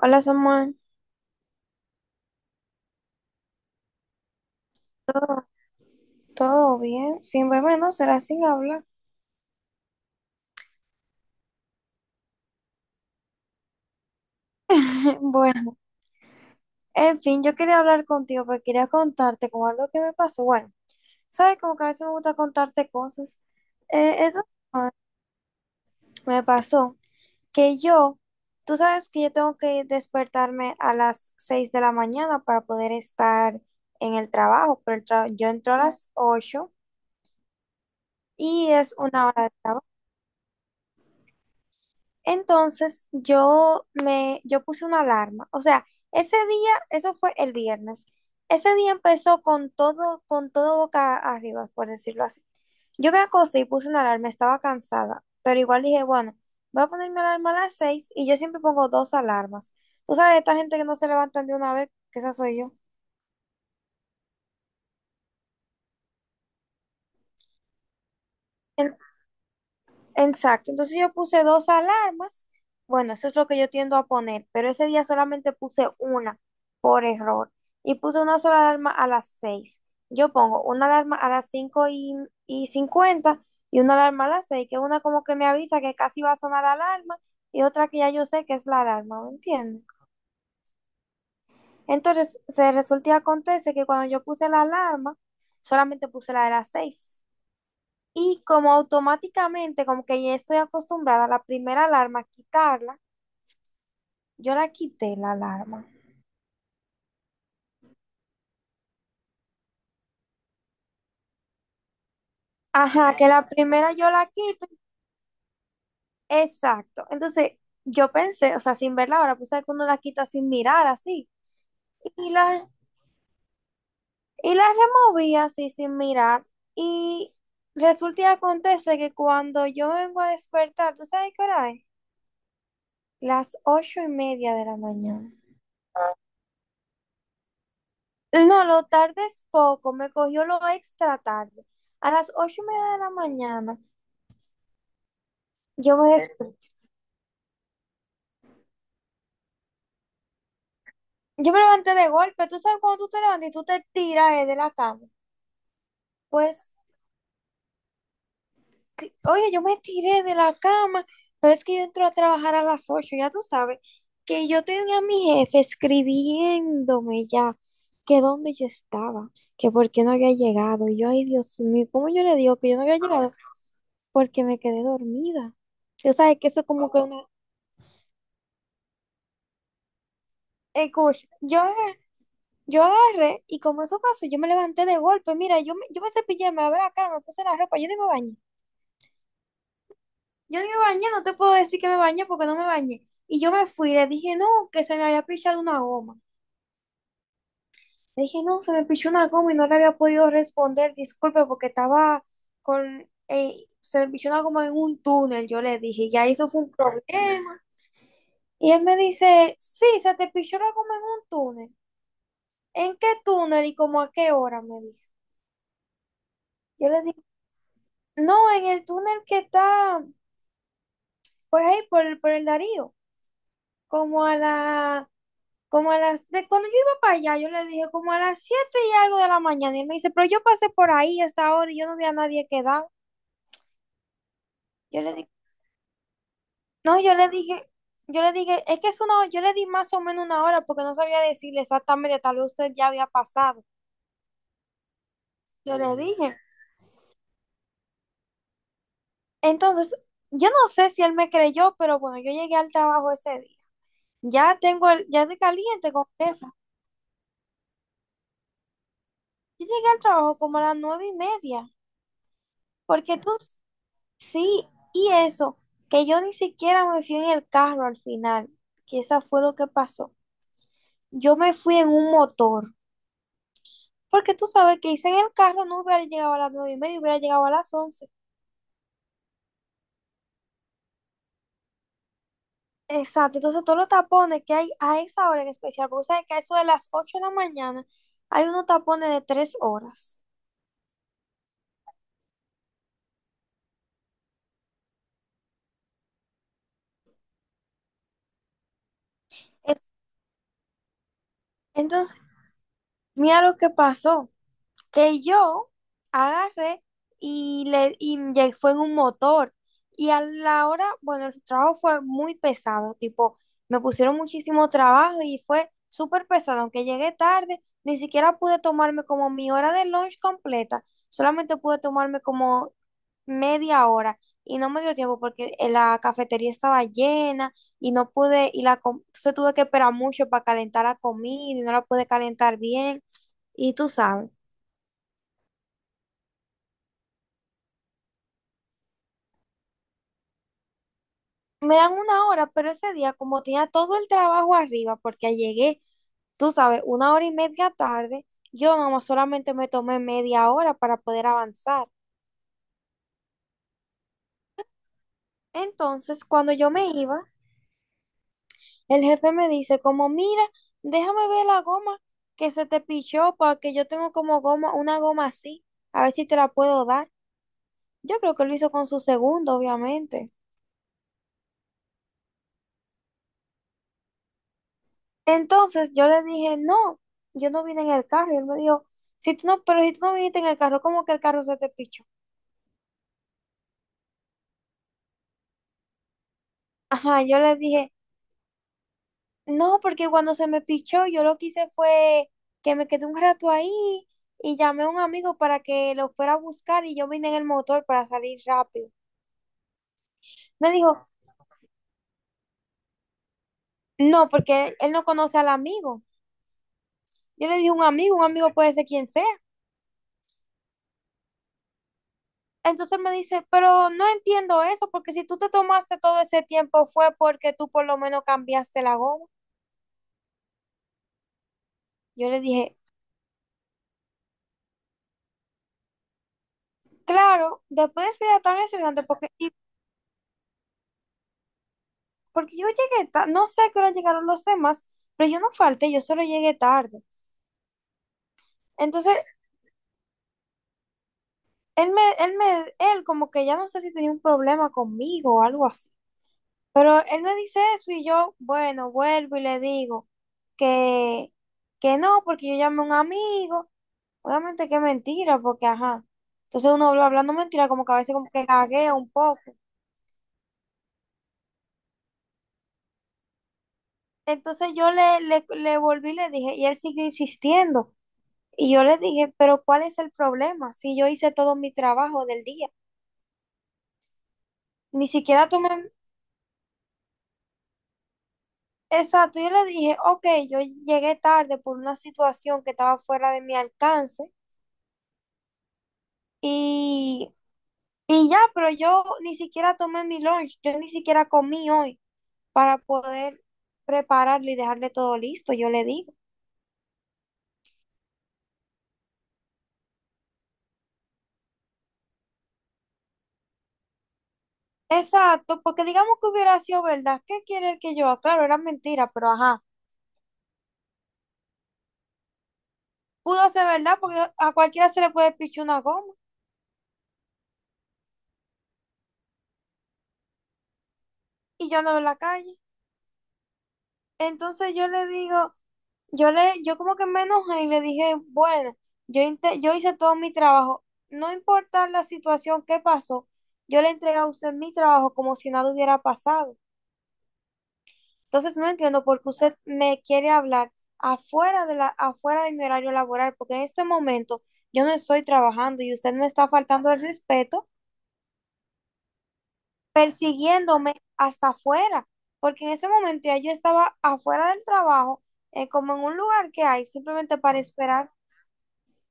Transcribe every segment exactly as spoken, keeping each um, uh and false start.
Hola Samuel, ¿todo, todo bien? Sin verme no será sin hablar. Bueno, en fin, yo quería hablar contigo porque quería contarte con algo que me pasó. Bueno, sabes como que a veces me gusta contarte cosas. Eh, eso me pasó que yo, tú sabes que yo tengo que despertarme a las seis de la mañana para poder estar en el trabajo, pero el tra- yo entro a las ocho y es una hora de trabajo. Entonces yo me, yo puse una alarma. O sea, ese día, eso fue el viernes. Ese día empezó con todo, con todo boca arriba, por decirlo así. Yo me acosté y puse una alarma, estaba cansada, pero igual dije, bueno, voy a poner mi alarma a las seis y yo siempre pongo dos alarmas. Tú sabes, esta gente que no se levantan de una vez, que esa soy yo. Exacto, entonces yo puse dos alarmas. Bueno, eso es lo que yo tiendo a poner, pero ese día solamente puse una por error y puse una sola alarma a las seis. Yo pongo una alarma a las cinco y, y cincuenta y una alarma a las seis, que una como que me avisa que casi va a sonar la alarma y otra que ya yo sé que es la alarma, ¿me entiendes? Entonces, se resulta y acontece que cuando yo puse la alarma, solamente puse la de las seis. Y como automáticamente, como que ya estoy acostumbrada a la primera alarma, quitarla, yo la quité la alarma. Ajá, que la primera yo la quito. Exacto. Entonces, yo pensé, o sea, sin verla ahora, pues que uno la quita sin mirar así. Y la, y la removí así sin mirar. Y resulta y acontece que cuando yo vengo a despertar, ¿tú sabes qué hora es? Las ocho y media de la mañana. No, lo tarde es poco, me cogió lo extra tarde. A las ocho y media de la mañana, yo me, des- yo me levanté de golpe. Tú sabes cuando tú te levantas y tú te tiras eh, de la cama. Pues, que- oye, yo me tiré de la cama, pero es que yo entro a trabajar a las ocho, ya tú sabes, que yo tenía a mi jefe escribiéndome ya, que dónde yo estaba, que por qué no había llegado. Y yo, ay, Dios mío, ¿cómo yo le digo que yo no había llegado? Porque me quedé dormida. Tú sabes que eso como que una, escucha, yo agarré, yo agarré, y como eso pasó, yo me levanté de golpe. Mira, yo me, yo me cepillé, me lavé la cara, me puse la ropa, yo ni me bañé. Yo ni me bañé, no te puedo decir que me bañé porque no me bañé. Y yo me fui, le dije, no, que se me había pichado una goma. Le dije, no, se me pichó una goma y no le había podido responder, disculpe, porque estaba con, eh, se me pichó una goma en un túnel, yo le dije, ya eso fue un problema. Y él me dice, sí, se te pichó la goma en un túnel. ¿En qué túnel y como a qué hora? Me dice. Yo le No, en el túnel que está por ahí, por, el- por el Darío, como a la, como a las, de, cuando yo iba para allá, yo le dije como a las siete y algo de la mañana, y él me dice, pero yo pasé por ahí a esa hora y yo no vi a nadie quedado. Yo le dije, no, yo le dije, yo le dije, es que es una, ho- yo le di más o menos una hora porque no sabía decirle exactamente, tal vez usted ya había pasado. Yo le dije. Entonces, yo no sé si él me creyó, pero bueno, yo llegué al trabajo ese día. Ya tengo el, ya estoy caliente con jefe. Yo llegué al trabajo como a las nueve y media, porque tú sí, y eso, que yo ni siquiera me fui en el carro al final, que esa fue lo que pasó. Yo me fui en un motor, porque tú sabes que hice en el carro no hubiera llegado a las nueve y media, hubiera llegado a las once. Exacto, entonces todos los tapones que hay a esa hora en especial, porque sabes que a eso de las ocho de la mañana hay unos tapones de tres horas. Es- Entonces, mira lo que pasó, que yo agarré y, le, y ya fue en un motor. Y a la hora, bueno, el trabajo fue muy pesado, tipo, me pusieron muchísimo trabajo y fue súper pesado, aunque llegué tarde, ni siquiera pude tomarme como mi hora de lunch completa, solamente pude tomarme como media hora y no me dio tiempo porque en la cafetería estaba llena y no pude, y la, com- entonces tuve que esperar mucho para calentar la comida y no la pude calentar bien y tú sabes. Me dan una hora, pero ese día, como tenía todo el trabajo arriba, porque llegué, tú sabes, una hora y media tarde, yo nomás solamente me tomé media hora para poder avanzar. Entonces, cuando yo me iba, el jefe me dice como, mira, déjame ver la goma que se te pichó, porque yo tengo como goma, una goma así, a ver si te la puedo dar. Yo creo que lo hizo con su segundo, obviamente. Entonces yo le dije, no, yo no vine en el carro. Y él me dijo, si tú no, pero si tú no viniste en el carro, ¿cómo que el carro se te pichó? Ajá, yo le dije, no, porque cuando se me pichó, yo lo que hice fue que me quedé un rato ahí y llamé a un amigo para que lo fuera a buscar y yo vine en el motor para salir rápido. Me dijo, no, porque él, él no conoce al amigo. Yo le dije, un amigo, un amigo puede ser quien sea. Entonces me dice, pero no entiendo eso, porque si tú te tomaste todo ese tiempo fue porque tú por lo menos cambiaste la goma. Yo le dije, claro, después de ese día tan estresante, porque, y- porque yo llegué tarde, no sé a qué hora llegaron los demás, pero yo no falté, yo solo llegué tarde. Entonces, él me, él me, él como que ya no sé si tenía un problema conmigo o algo así. Pero él me dice eso y yo, bueno, vuelvo y le digo que, que no, porque yo llamé a un amigo. Obviamente que es mentira, porque ajá. Entonces uno habla hablando mentira, como que a veces como que gaguea un poco. Entonces yo le, le, le volví y le dije, y él siguió insistiendo. Y yo le dije, pero ¿cuál es el problema? Si yo hice todo mi trabajo del día, ni siquiera tomé. Exacto, yo le dije, ok, yo llegué tarde por una situación que estaba fuera de mi alcance y, y ya, pero yo ni siquiera tomé mi lunch, yo ni siquiera comí hoy para poder prepararle y dejarle todo listo, yo le dije. Exacto, porque digamos que hubiera sido verdad, ¿qué quiere el que yo? Claro, era mentira, pero ajá. Pudo ser verdad, porque a cualquiera se le puede pichar una goma y yo ando en la calle. Entonces yo le digo, yo le, yo como que me enojé y le dije, bueno, yo, inte- yo hice todo mi trabajo, no importa la situación que pasó, yo le entregué a usted mi trabajo como si nada hubiera pasado. Entonces no entiendo por qué usted me quiere hablar afuera de la, afuera de mi horario laboral, porque en este momento yo no estoy trabajando y usted me está faltando el respeto persiguiéndome hasta afuera, porque en ese momento ya yo estaba afuera del trabajo, eh, como en un lugar que hay, simplemente para esperar.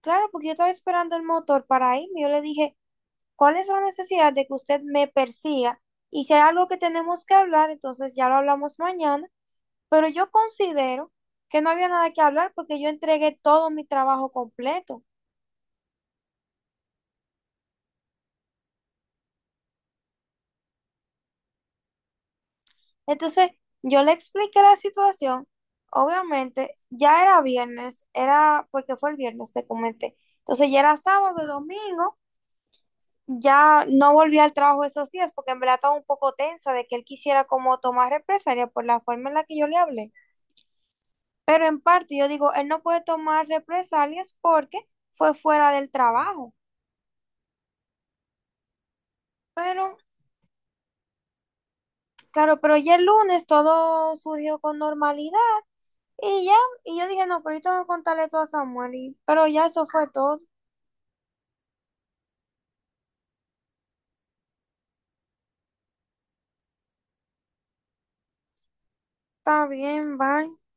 Claro, porque yo estaba esperando el motor para irme. Yo le dije, ¿cuál es la necesidad de que usted me persiga? Y si hay algo que tenemos que hablar, entonces ya lo hablamos mañana, pero yo considero que no había nada que hablar porque yo entregué todo mi trabajo completo. Entonces, yo le expliqué la situación. Obviamente, ya era viernes, era porque fue el viernes, te comenté. Entonces, ya era sábado, domingo, ya no volví al trabajo esos días porque en verdad estaba un poco tensa de que él quisiera como tomar represalia por la forma en la que yo le hablé. Pero en parte yo digo, él no puede tomar represalias porque fue fuera del trabajo. Pero claro, pero ya el lunes todo surgió con normalidad y ya, y yo dije, no, pero yo tengo que contarle todo a Samuel, y- pero ya eso fue todo, está bien, bye.